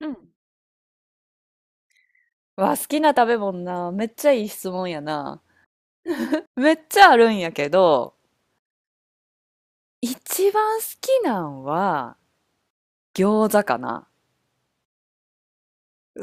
うん。わ、好きな食べ物な。めっちゃいい質問やな。めっちゃあるんやけど、一番好きなんは餃子かな。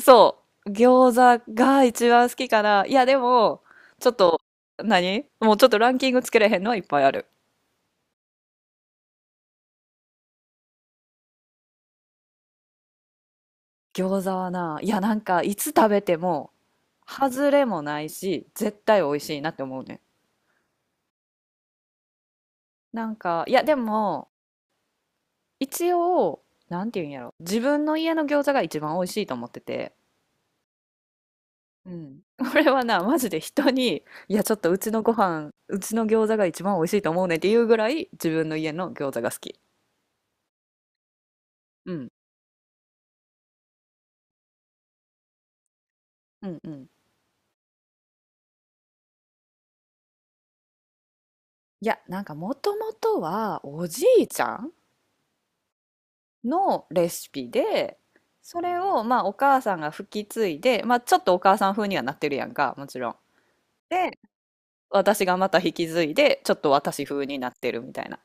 そう。餃子が一番好きかな。いや、でも、ちょっと、何もうちょっとランキングつけれへんのはいっぱいある。餃子はな、いや、なんか、いつ食べても、外れもないし、絶対美味しいなって思うね。なんか、いや、でも、一応、なんて言うんやろ。自分の家の餃子が一番美味しいと思ってて。うん。これはな、マジで人に、いや、ちょっとうちのご飯、うちの餃子が一番美味しいと思うねっていうぐらい、自分の家の餃子が好き。うん。うんうん。いや、なんかもともとは、おじいちゃんのレシピで、それを、まあ、お母さんが吹き継いで、まあ、ちょっとお母さん風にはなってるやんか、もちろん。で、私がまた引き継いで、ちょっと私風になってるみたいな。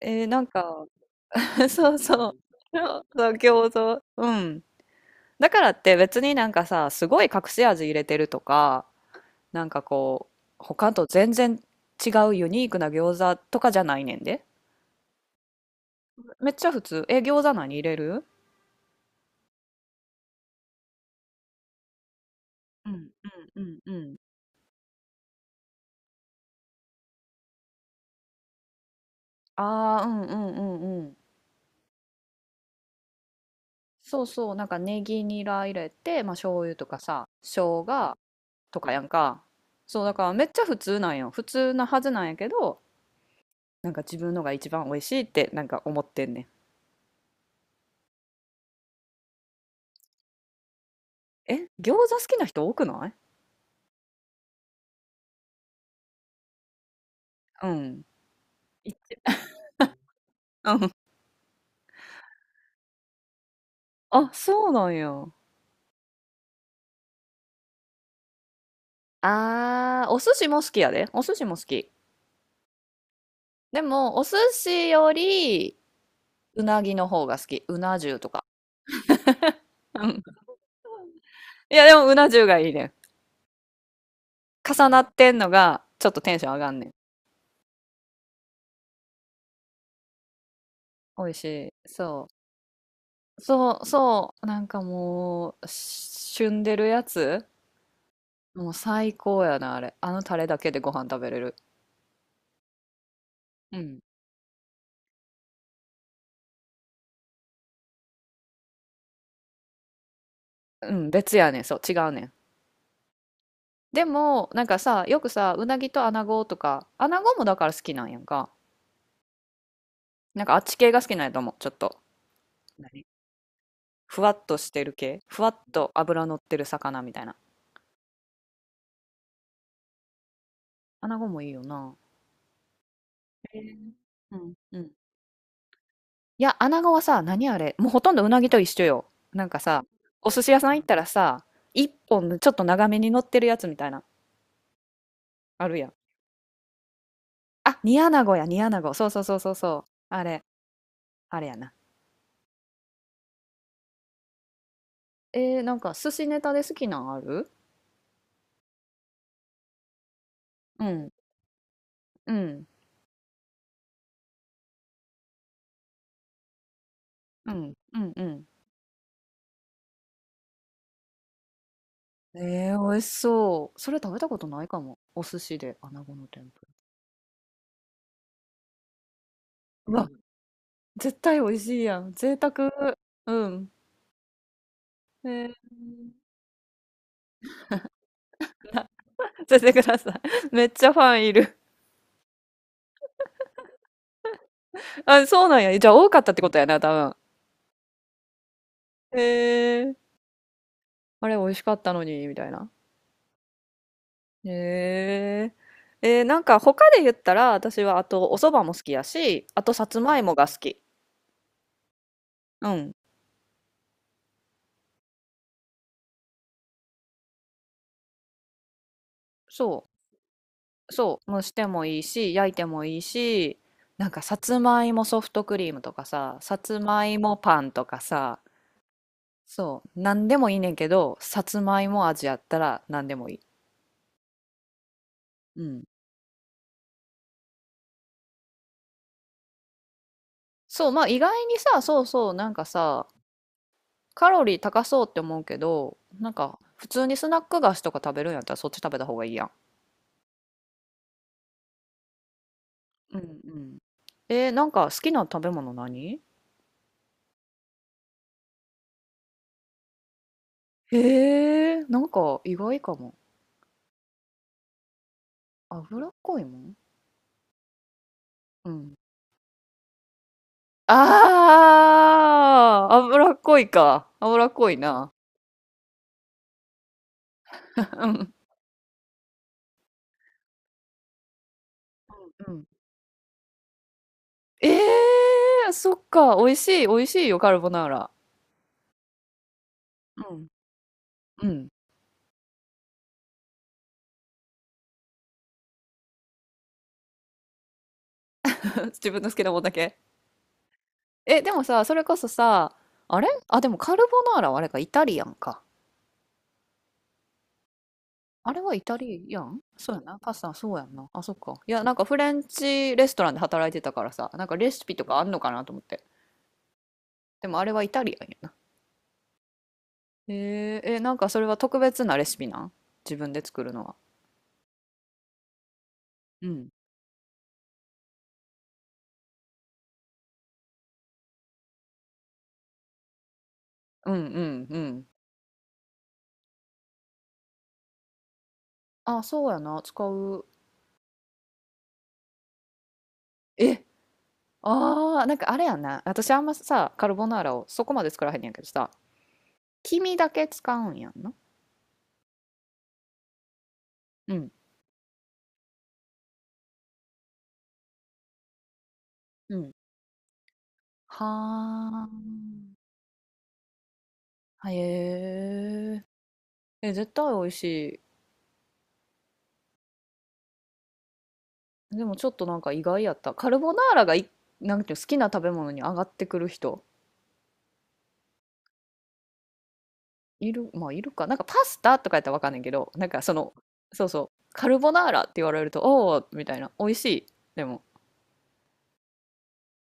えー、なんか、そうそう。そう、そう餃子。うん。だからって別になんかさ、すごい隠し味入れてるとか、なんかこう、他と全然違うユニークな餃子とかじゃないねんで。めっちゃ普通。え、餃子何入れる？うんうんうんうん。ああ、うんうんうんうん。そうそう、なんかネギニラ入れて、まあ醤油とかさ、生姜とかやんか。そう、だからめっちゃ普通なんよ。普通なはずなんやけど、なんか自分のが一番美味しいってなんか思ってんねん。え、餃子好きな人多くない？うん。いうん。あ、そうなんや。あー、お寿司も好きやで。お寿司も好き。でも、お寿司より、うなぎの方が好き。うな重とか。うん。いや、でも、うな重がいいねん。重なってんのが、ちょっとテンション上がんねん。美味しい。そう。そう、そう。なんかもう、旬でるやつもう最高やな、あれ。あのタレだけでご飯食べれる。うん。うん、別やねん。そう、違うねん。でも、なんかさ、よくさ、うなぎとアナゴとか、アナゴもだから好きなんやんか。なんかあっち系が好きなんやと思う。ちょっと。何ふわっとしてる系。ふわっと脂乗ってる魚みたいな。穴子もいいよな。えーうんうん。いや、穴子はさ、何あれ、もうほとんどうなぎと一緒よ。なんかさ、お寿司屋さん行ったらさ、一本のちょっと長めに乗ってるやつみたいな、あるやん。あ、煮穴子や、煮穴子。そうそうそうそうそう。あれ、あれやな。なんか寿司ネタで好きなんある？うん、うん、うん、うん、うん。ええ、美味しそう。それ食べたことないかも。お寿司で穴子の天ぷら。うわ、絶対美味しいやん。贅沢。うん。ええ。教えてください。めっちゃファンいる。あ、そうなんや。じゃあ多かったってことやな、多分。ええ。あれ美味しかったのに、みたいな。ええ。なんか他で言ったら、私はあとお蕎麦も好きやし、あとさつまいもが好き。うん。そう。そう、蒸してもいいし、焼いてもいいし、なんかさつまいもソフトクリームとかさ、さつまいもパンとかさ、そう、なんでもいいねんけど、さつまいも味やったらなんでもいい。うん。そう、まあ意外にさ、そうそう、なんかさ、カロリー高そうって思うけど、なんか普通にスナック菓子とか食べるんやったらそっち食べた方がいいやん。うんうん。なんか好きな食べ物何？へえ、なんか意外かも。脂っこいもん。うん。ああ、脂っこいか。脂っこいな。うん。うん。ええ、そっか。美味しい、美味しいよ、カルボナーラ。うん。うん。自分の好きなもんだけ。え、でもさ、それこそさ、あれあ、でもカルボナーラはあれか、イタリアンか。あれはイタリアンそうやな。パスタ、そうやんな。あ、そっか。いや、なんかフレンチレストランで働いてたからさ、なんかレシピとかあんのかなと思って。でもあれはイタリアンやな。え、なんかそれは特別なレシピなん？自分で作るのは。うんうんうんうん。あ、そうやな、使う。え、ああ、なんかあれやんな。私あんまさ、カルボナーラをそこまで作らへんやけどさ、黄身だけ使うんやんな。うん、うん。はあ、へえ。え、絶対美味しい。でもちょっとなんか意外やった。カルボナーラがい、なんていうの好きな食べ物に上がってくる人、いる、まあいるか。なんかパスタとかやったらわかんないけど、なんかその、そうそう、カルボナーラって言われると、おお、みたいな、美味しい。でも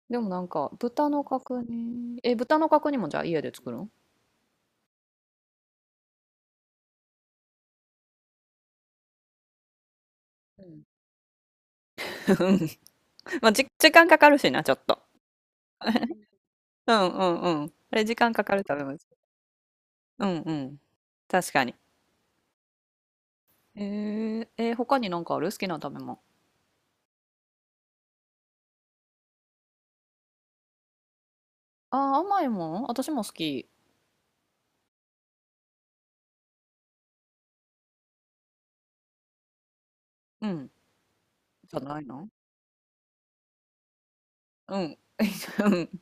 でもなんか豚の角煮、え、豚の角煮もじゃあ家で作るん？うん。まあ、じ、時間かかるしな、ちょっと。うんうんうん。あれ時間かかる食べ物です。うんうん。確かに。他になんかある好きな食べ物。あー、甘いもん私も好き。うん。じゃないの？うん。うん。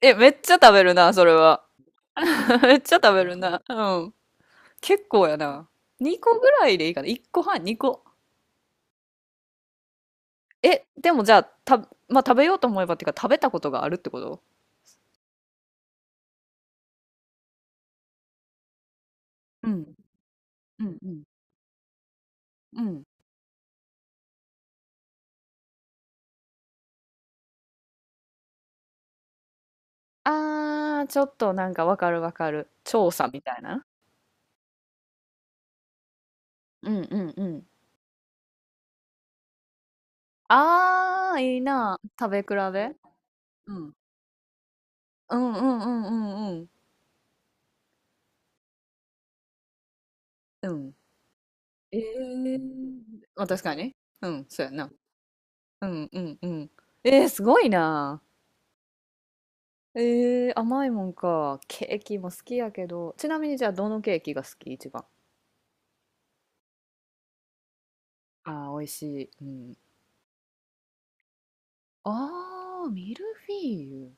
え、めっちゃ食べるな、それは。めっちゃ食べるな。うん。結構やな。2個ぐらいでいいかな。1個半、2個。え、でもじゃあ、た、まあ、食べようと思えばっていうか、食べたことがあるってこと？うん、うん、うん、うん。あー、ちょっとなんかわかるわかる。調査みたいな。うんうんうん。あー、いいな。食べ比べ。うん。うんうんうんうんうん。うん。ええ、まあ確かに。うん、そうやな。うんうんうん。すごいな。甘いもんか。ケーキも好きやけど。ちなみにじゃあ、どのケーキが好き一番。ああ、美味しい。うん。ああ、ミルフィーユ。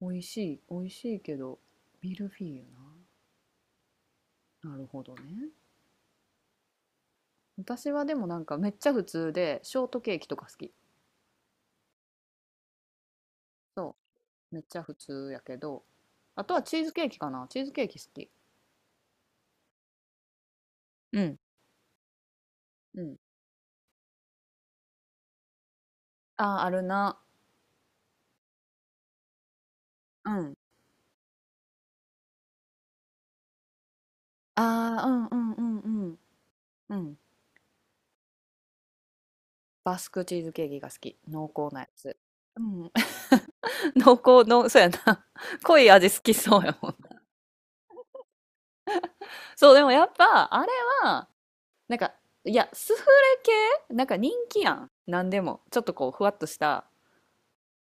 美味しい、美味しいけど、ミルフィーユな。なるほどね。私はでもなんかめっちゃ普通で、ショートケーキとか好き。そう、めっちゃ普通やけど、あとはチーズケーキかな。チーズケーキ好き。うん。うん。ああ、あるな。うん。ああ、うんうんうんうん。うん。バスクチーズケーキが好き。濃厚なやつ。うん。濃厚の、そうやな。濃い味好きそうやもん。そう、でもやっぱ、あれは、なんか、いや、スフレ系なんか人気やん。なんでも。ちょっとこう、ふわっとした。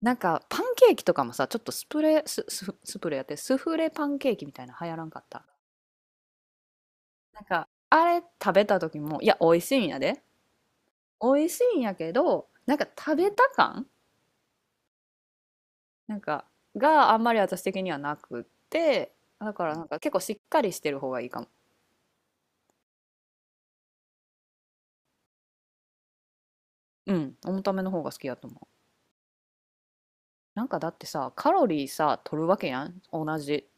なんか、パンケーキとかもさ、ちょっとスプレー、ス、ススプレーやって、スフレパンケーキみたいなの流行らんかった。なんか、あれ食べた時も、いや、美味しいんやで。美味しいんやけど、なんか食べた感、なんか、があんまり私的にはなくって、だからなんか結構しっかりしてる方がいいかも。うん、重ための方が好きやと思う。なんかだってさ、カロリーさ、取るわけやん。同じ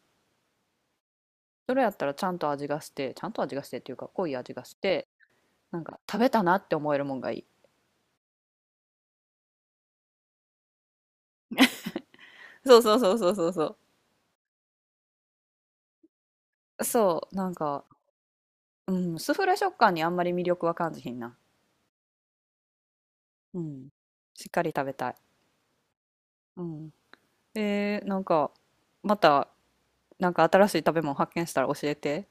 それやったらちゃんと味がして、ちゃんと味がしてっていうか、濃い味がして、なんか食べたなって思えるもんがいい。そうそうそうそうそうそう。そう、なんか、うん、スフレ食感にあんまり魅力は感じひんな。うん。しっかり食べたい。うん。えー、なんか、また、なんか新しい食べ物発見したら教えて。